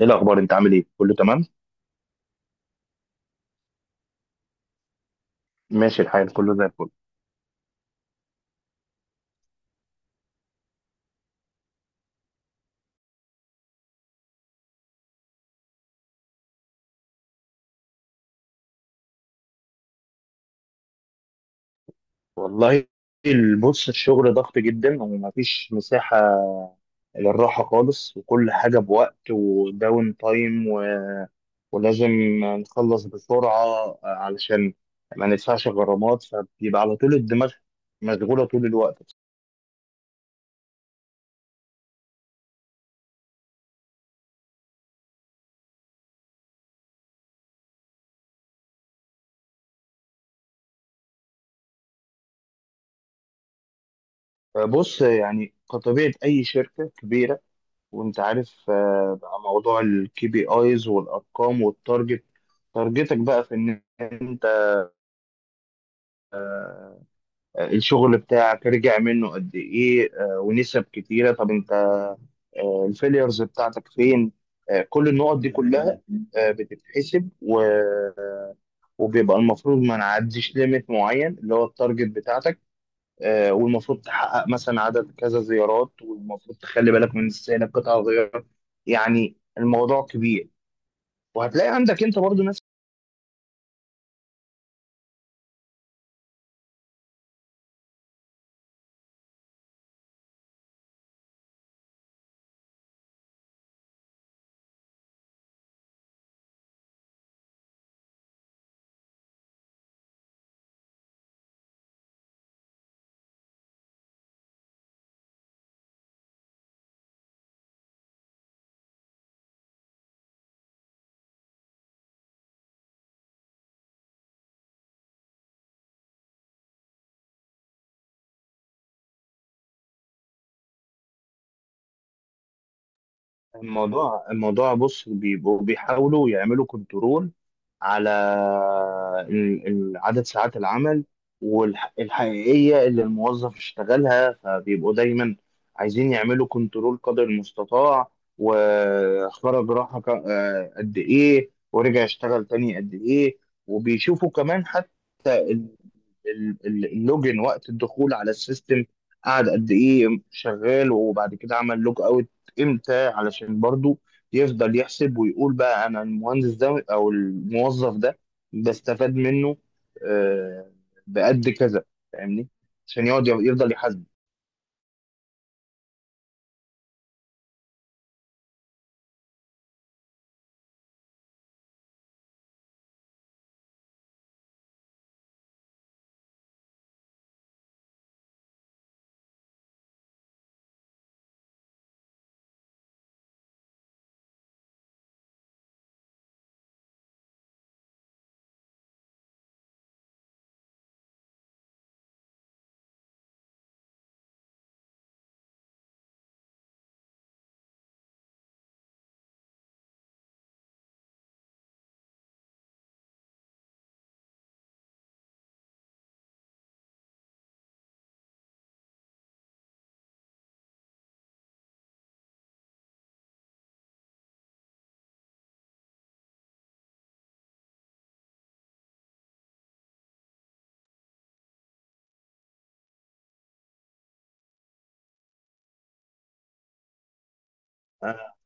ايه الاخبار، انت عامل ايه؟ كله تمام، ماشي الحال، كله زي الفل. والله، بص، الشغل ضغط جدا ومفيش مساحة للراحة خالص، وكل حاجة بوقت وداون تايم ولازم نخلص بسرعة علشان ما ندفعش غرامات، فبيبقى على طول الدماغ مشغولة طول الوقت. بص يعني كطبيعة أي شركة كبيرة وأنت عارف، بقى موضوع الكي بي آيز والأرقام والتارجت، تارجتك بقى في النهاية الشغل بتاعك رجع منه قد ايه، ونسب كتيره. طب انت الفيليرز بتاعتك فين؟ كل النقط دي كلها بتتحسب وبيبقى المفروض ما نعديش ليميت معين اللي هو التارجت بتاعتك. والمفروض تحقق مثلا عدد كذا زيارات، والمفروض تخلي بالك من استهلاك قطع غيار. يعني الموضوع كبير، وهتلاقي عندك انت برضو ناس. الموضوع بص، بيبقوا بيحاولوا يعملوا كنترول على عدد ساعات العمل والحقيقية اللي الموظف اشتغلها، فبيبقوا دايما عايزين يعملوا كنترول قدر المستطاع. وخرج راحة قد ايه، ورجع اشتغل تاني قد ايه، وبيشوفوا كمان حتى اللوجن وقت الدخول على السيستم، قعد قد ايه شغال، وبعد كده عمل لوج اوت امتى، علشان برضو يفضل يحسب ويقول بقى انا المهندس ده او الموظف ده بستفاد منه آه، بقد كذا، فاهمني؟ عشان يقعد يفضل يحاسب. آه،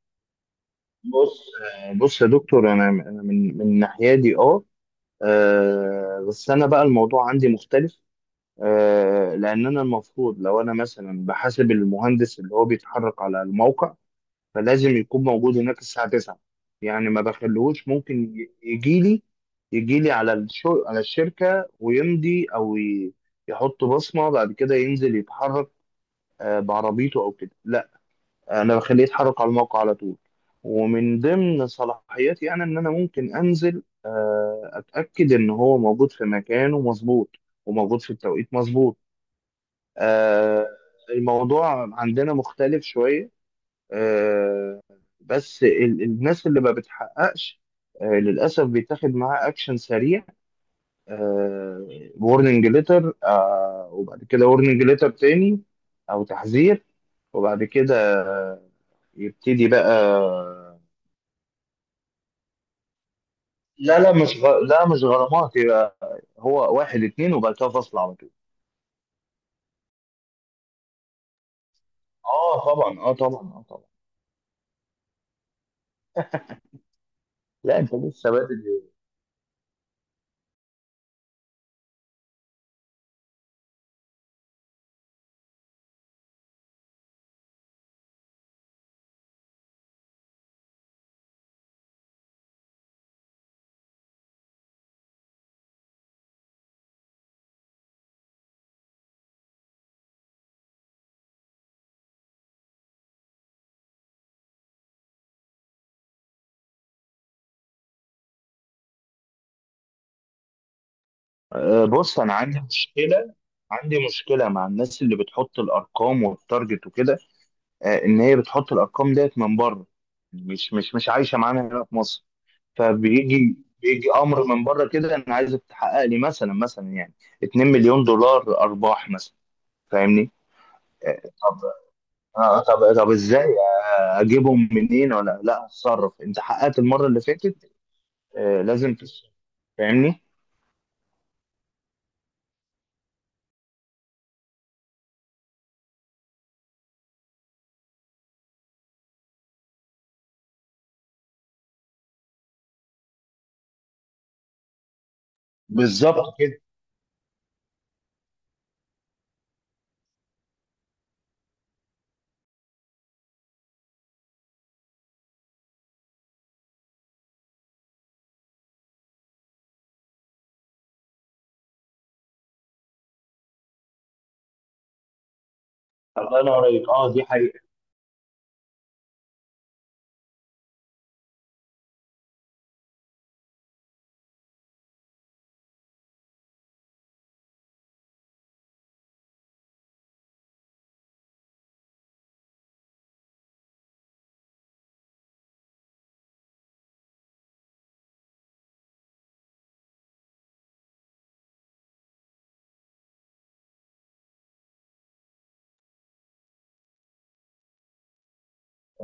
بص بص يا دكتور، أنا من ناحيتي اه، بس انا بقى الموضوع عندي مختلف، لان انا المفروض لو انا مثلا بحاسب المهندس اللي هو بيتحرك على الموقع، فلازم يكون موجود هناك الساعه 9. يعني ما بخلوش ممكن يجي لي، يجي لي على على الشركه ويمضي يحط بصمه، بعد كده ينزل يتحرك بعربيته او كده. لا، انا بخليه يتحرك على الموقع على طول، ومن ضمن صلاحياتي انا ان انا ممكن انزل اتاكد ان هو موجود في مكانه مظبوط وموجود في التوقيت مظبوط. آه، الموضوع عندنا مختلف شوية. آه، بس ال- الناس اللي ما بتحققش للأسف بيتاخد معاها أكشن سريع، وورنينج ليتر، وبعد كده وورنينج ليتر تاني أو تحذير، وبعد كده آه، يبتدي بقى. لا، مش غ... لا، مش غرامات. يبقى هو واحد اتنين وبعد كده فصل على طول. اه طبعا، اه طبعا، اه طبعا. لا، انت لسه بادئ. أه، بص، انا عندي مشكله، عندي مشكله مع الناس اللي بتحط الارقام والتارجت وكده. أه، ان هي بتحط الارقام ديت من بره، مش عايشه معانا هنا في مصر. فبيجي امر من بره كده: انا عايزك تحقق لي مثلا يعني 2 مليون دولار ارباح مثلا، فاهمني؟ أه، طب آه، طب طب ازاي أه، اجيبهم منين؟ ولا لا، اتصرف، انت حققت المره اللي فاتت، أه، لازم تصرف، فاهمني؟ بالظبط كده. الله ينور عليك، اه، دي حقيقة.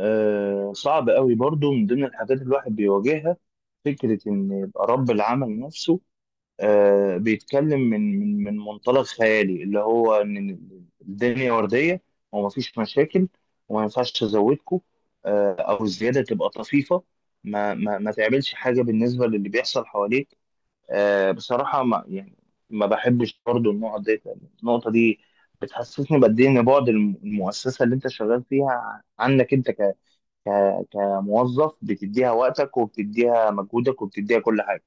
صعب قوي برضو من ضمن الحاجات اللي الواحد بيواجهها فكرة إن يبقى رب العمل نفسه بيتكلم من من منطلق خيالي اللي هو إن الدنيا وردية ومفيش مشاكل، وما ينفعش تزودكم أو الزيادة تبقى طفيفة، ما تعملش حاجة بالنسبة للي بيحصل حواليك. بصراحة ما يعني ما بحبش برضو النقط دي، النقطة دي بتحسسني بقد إيه إن بعد المؤسسة اللي أنت شغال فيها عنك، أنت كموظف بتديها وقتك وبتديها مجهودك وبتديها كل حاجه.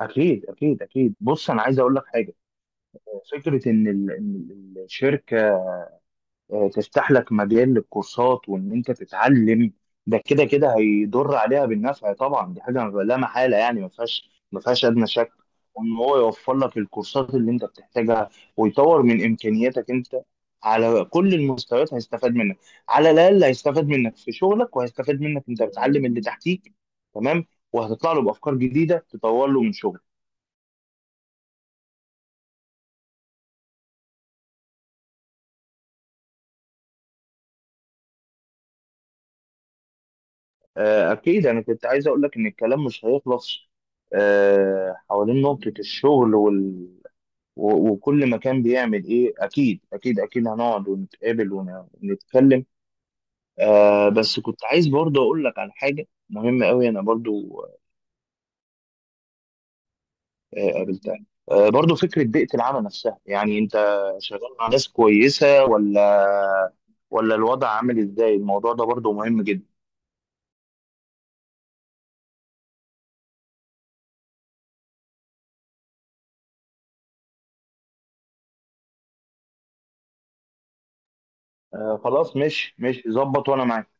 اكيد، بص، انا عايز اقول لك حاجه: فكره ان إن ال- الشركه تفتح لك مجال للكورسات، وان انت تتعلم، ده كده كده هيضر عليها بالنفع طبعا، دي حاجه لا محاله، يعني ما فيهاش ادنى شك. وان هو يوفر لك الكورسات اللي انت بتحتاجها ويطور من امكانياتك انت على كل المستويات، هيستفاد منك، على الاقل هيستفاد منك في شغلك، وهيستفاد منك انت بتعلم اللي تحتيك، تمام؟ وهتطلع له بافكار جديده تطور له من شغله. أكيد. أنا كنت عايز أقول لك إن الكلام مش هيخلص حوالين نقطة الشغل وكل مكان بيعمل إيه. أكيد أكيد أكيد هنقعد ونتقابل ونتكلم. بس كنت عايز برضه أقول لك على حاجة مهمة أوي أنا برضه قابلتها، برضه فكرة بيئة العمل نفسها. يعني أنت شغال مع ناس كويسة ولا الوضع عامل إزاي؟ الموضوع ده برضه مهم جدا. خلاص، مش ظبط، وأنا معاك.